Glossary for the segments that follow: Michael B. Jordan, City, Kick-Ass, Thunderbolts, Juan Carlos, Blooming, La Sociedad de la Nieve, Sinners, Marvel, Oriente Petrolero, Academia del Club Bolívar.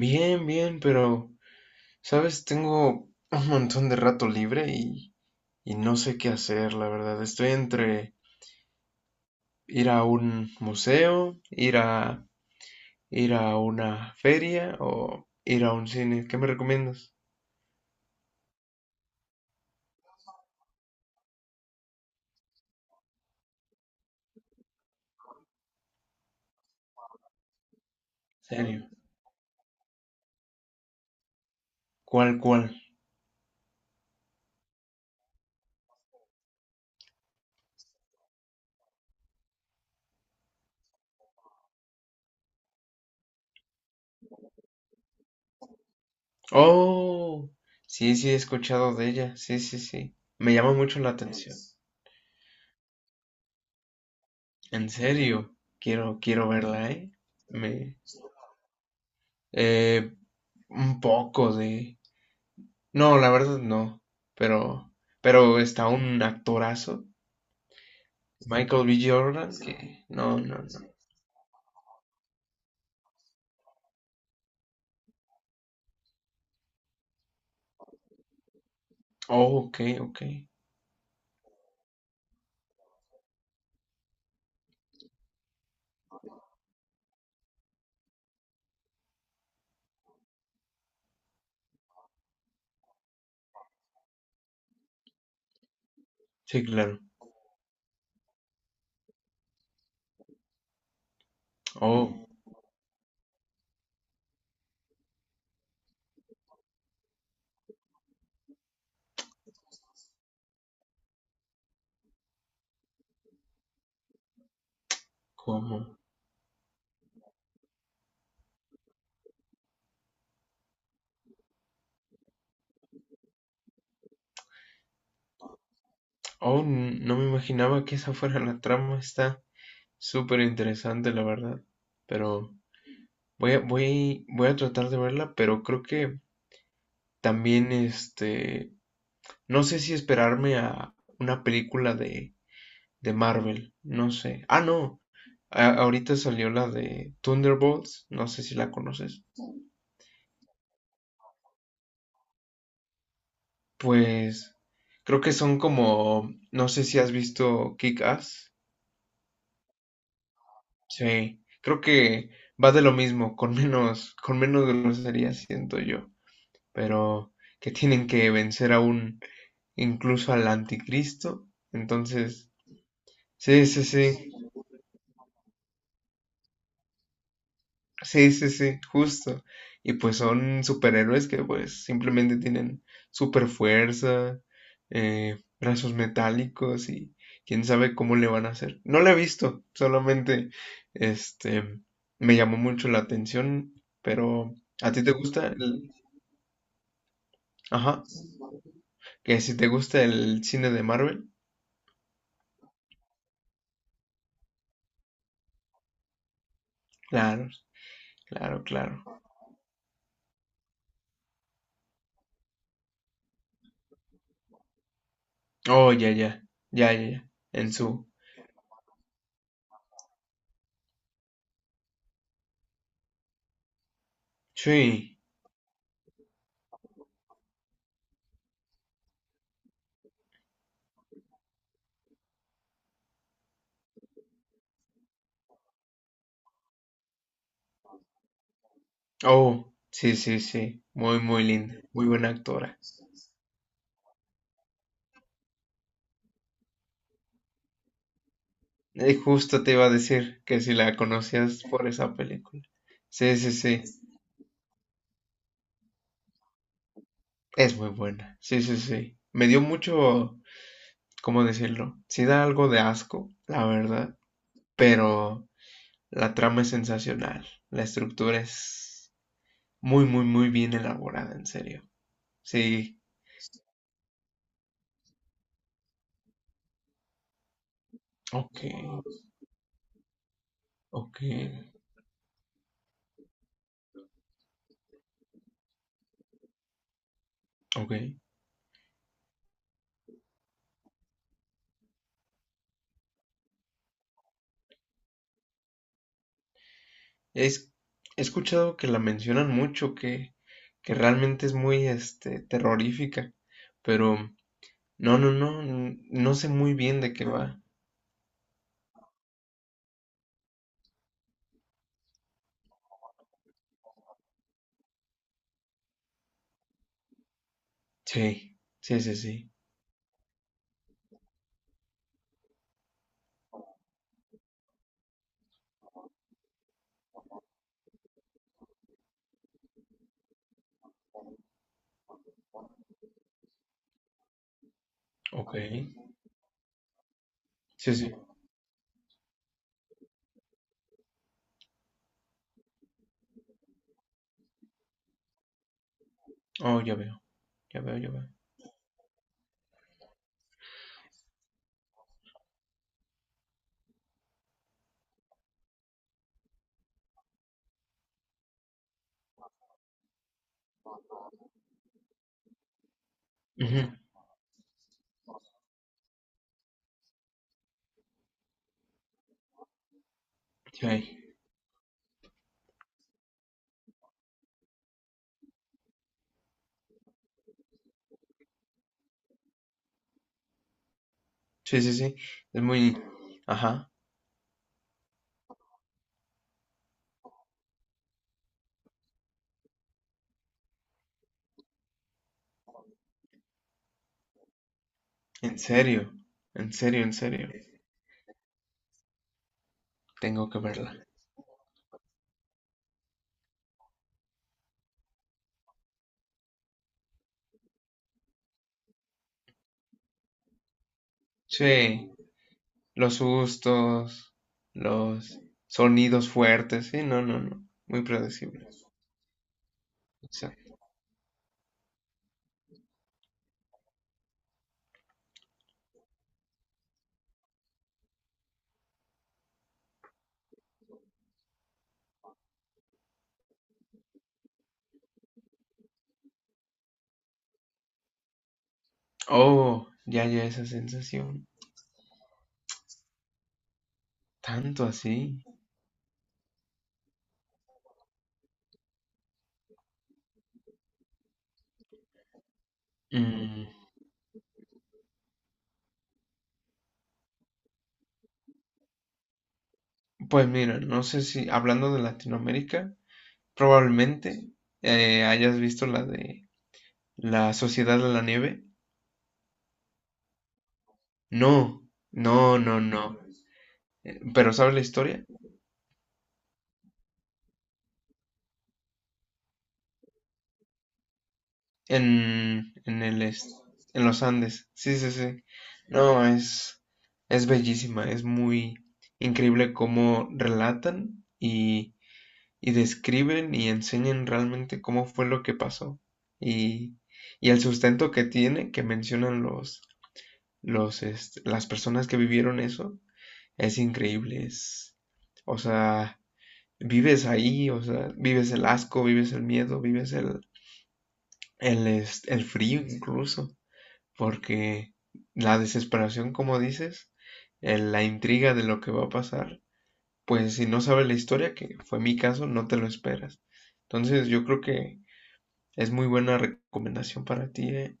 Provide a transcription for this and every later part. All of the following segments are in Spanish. Bien, bien, pero, ¿sabes? Tengo un montón de rato libre y no sé qué hacer, la verdad. Estoy entre ir a un museo, ir a una feria o ir a un cine. ¿Qué me recomiendas? Serio. ¿Cuál, cuál? Oh, sí, sí, he escuchado de ella. Sí, sí, sí. Me llama mucho la atención. En serio, quiero verla, ¿eh? Me, eh, un poco de. No, la verdad no. Pero, pero está un actorazo, Michael B. Jordan, que no, no, no. Oh, ok, ok. Sí, claro. Oh, ¿cómo? Oh, no me imaginaba que esa fuera la trama. Está súper interesante, la verdad. Pero voy a tratar de verla, pero creo que también, no sé si esperarme a una película de Marvel, no sé. Ah, no. Ahorita salió la de Thunderbolts, no sé si la conoces. Pues creo que son como, no sé si has visto Kick-Ass. Sí, creo que va de lo mismo, con menos grosería, siento yo. Pero que tienen que vencer incluso al anticristo. Entonces, sí, sí, sí. Sí, sí, sí, justo. Y pues son superhéroes que pues simplemente tienen super fuerza, brazos metálicos y quién sabe cómo le van a hacer. No la he visto, solamente este me llamó mucho la atención, pero ¿a ti te gusta el... ajá, ¿que si te gusta el cine de Marvel? Claro, claro, claro. Oh, ya, ya, ya, ya, ya. En su. Sí. Oh, sí, sí, sí. Muy, muy linda, muy buena actora. Justo te iba a decir que si la conocías por esa película. Sí, sí, sí. Es muy buena. Sí, sí, sí. Me dio mucho, ¿cómo decirlo? Sí da algo de asco, la verdad. Pero la trama es sensacional. La estructura es muy, muy, muy bien elaborada, en serio. Sí. Ok, ok, ok. Es, he escuchado que la mencionan mucho, que realmente es muy, terrorífica. Pero no, no, no, no sé muy bien de qué va. Sí, sí, sí, sí. Ok. Sí, sí. Oh, ya veo, ya veo, ya veo. Ujú. Sí, sí, sí, sí. Es muy. Ajá. En serio, en serio, en serio. Tengo que verla. Sí, los sustos, los sonidos fuertes. Sí, no, no, no. Muy predecible. Sí. Oh, ya, ya esa sensación. ¿Tanto así? Mm, Pues mira, no sé si hablando de Latinoamérica. Probablemente hayas visto la de La Sociedad de la Nieve. No, no, no, no. Pero ¿sabes la historia? En, en el est- en los Andes. Sí, sí, sí. No, es bellísima, es muy increíble cómo relatan y describen y enseñan realmente cómo fue lo que pasó. Y, y el sustento que tiene, que mencionan las personas que vivieron eso. Es increíble, o sea, vives ahí, o sea, vives el asco, vives el miedo, vives el, el frío incluso, porque la desesperación, como dices, la intriga de lo que va a pasar, pues si no sabes la historia, que fue mi caso, no te lo esperas. Entonces yo creo que es muy buena recomendación para ti, ¿eh?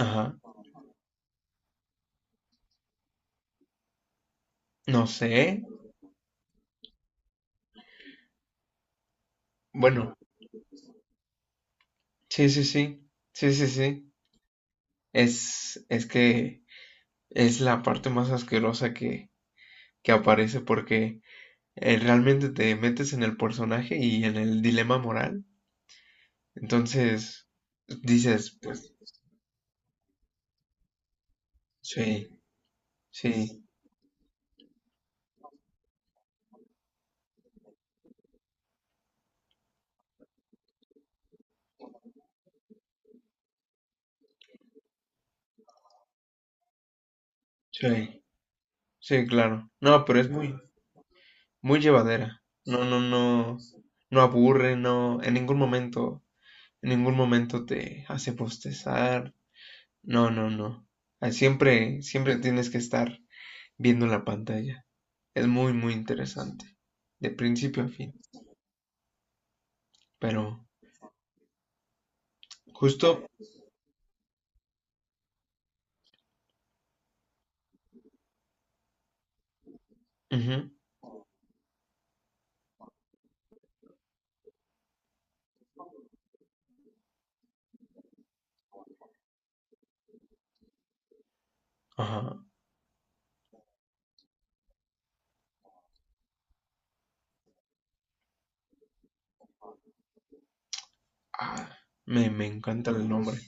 Ajá. No sé. Bueno, sí, sí, sí. Sí, sí, sí. Es que es la parte más asquerosa que aparece porque realmente te metes en el personaje y en el dilema moral. Entonces dices, pues sí, sí, sí, sí, claro. No, pero es muy, muy llevadera. No, no, no, no aburre, no, en ningún momento te hace postezar. No, no, no. Ah, siempre, siempre tienes que estar viendo la pantalla. Es muy, muy interesante, de principio a fin. Pero justo, ujú, ajá, ah, me encanta el nombre.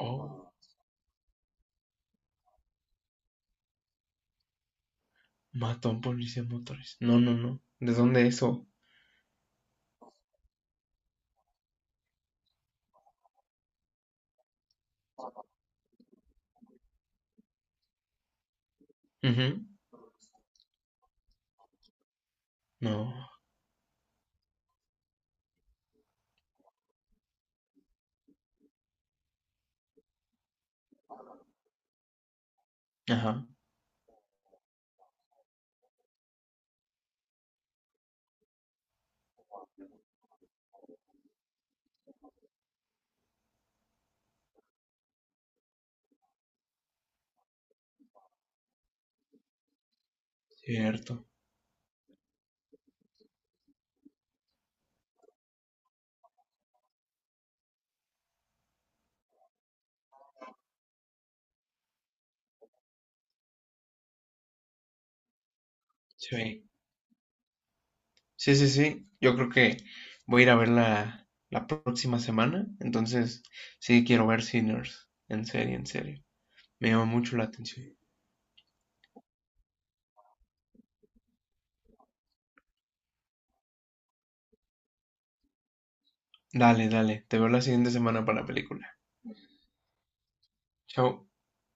Oh, mató a un policía de motores. No, no, no. ¿De dónde eso? Ujú, no, ajá, cierto. Sí, sí, sí, sí. Yo creo que voy a ir a verla la próxima semana. Entonces, sí, quiero ver Sinners. En serio, en serio. Me llama mucho la atención. Dale, dale. Te veo la siguiente semana para la película. Chao.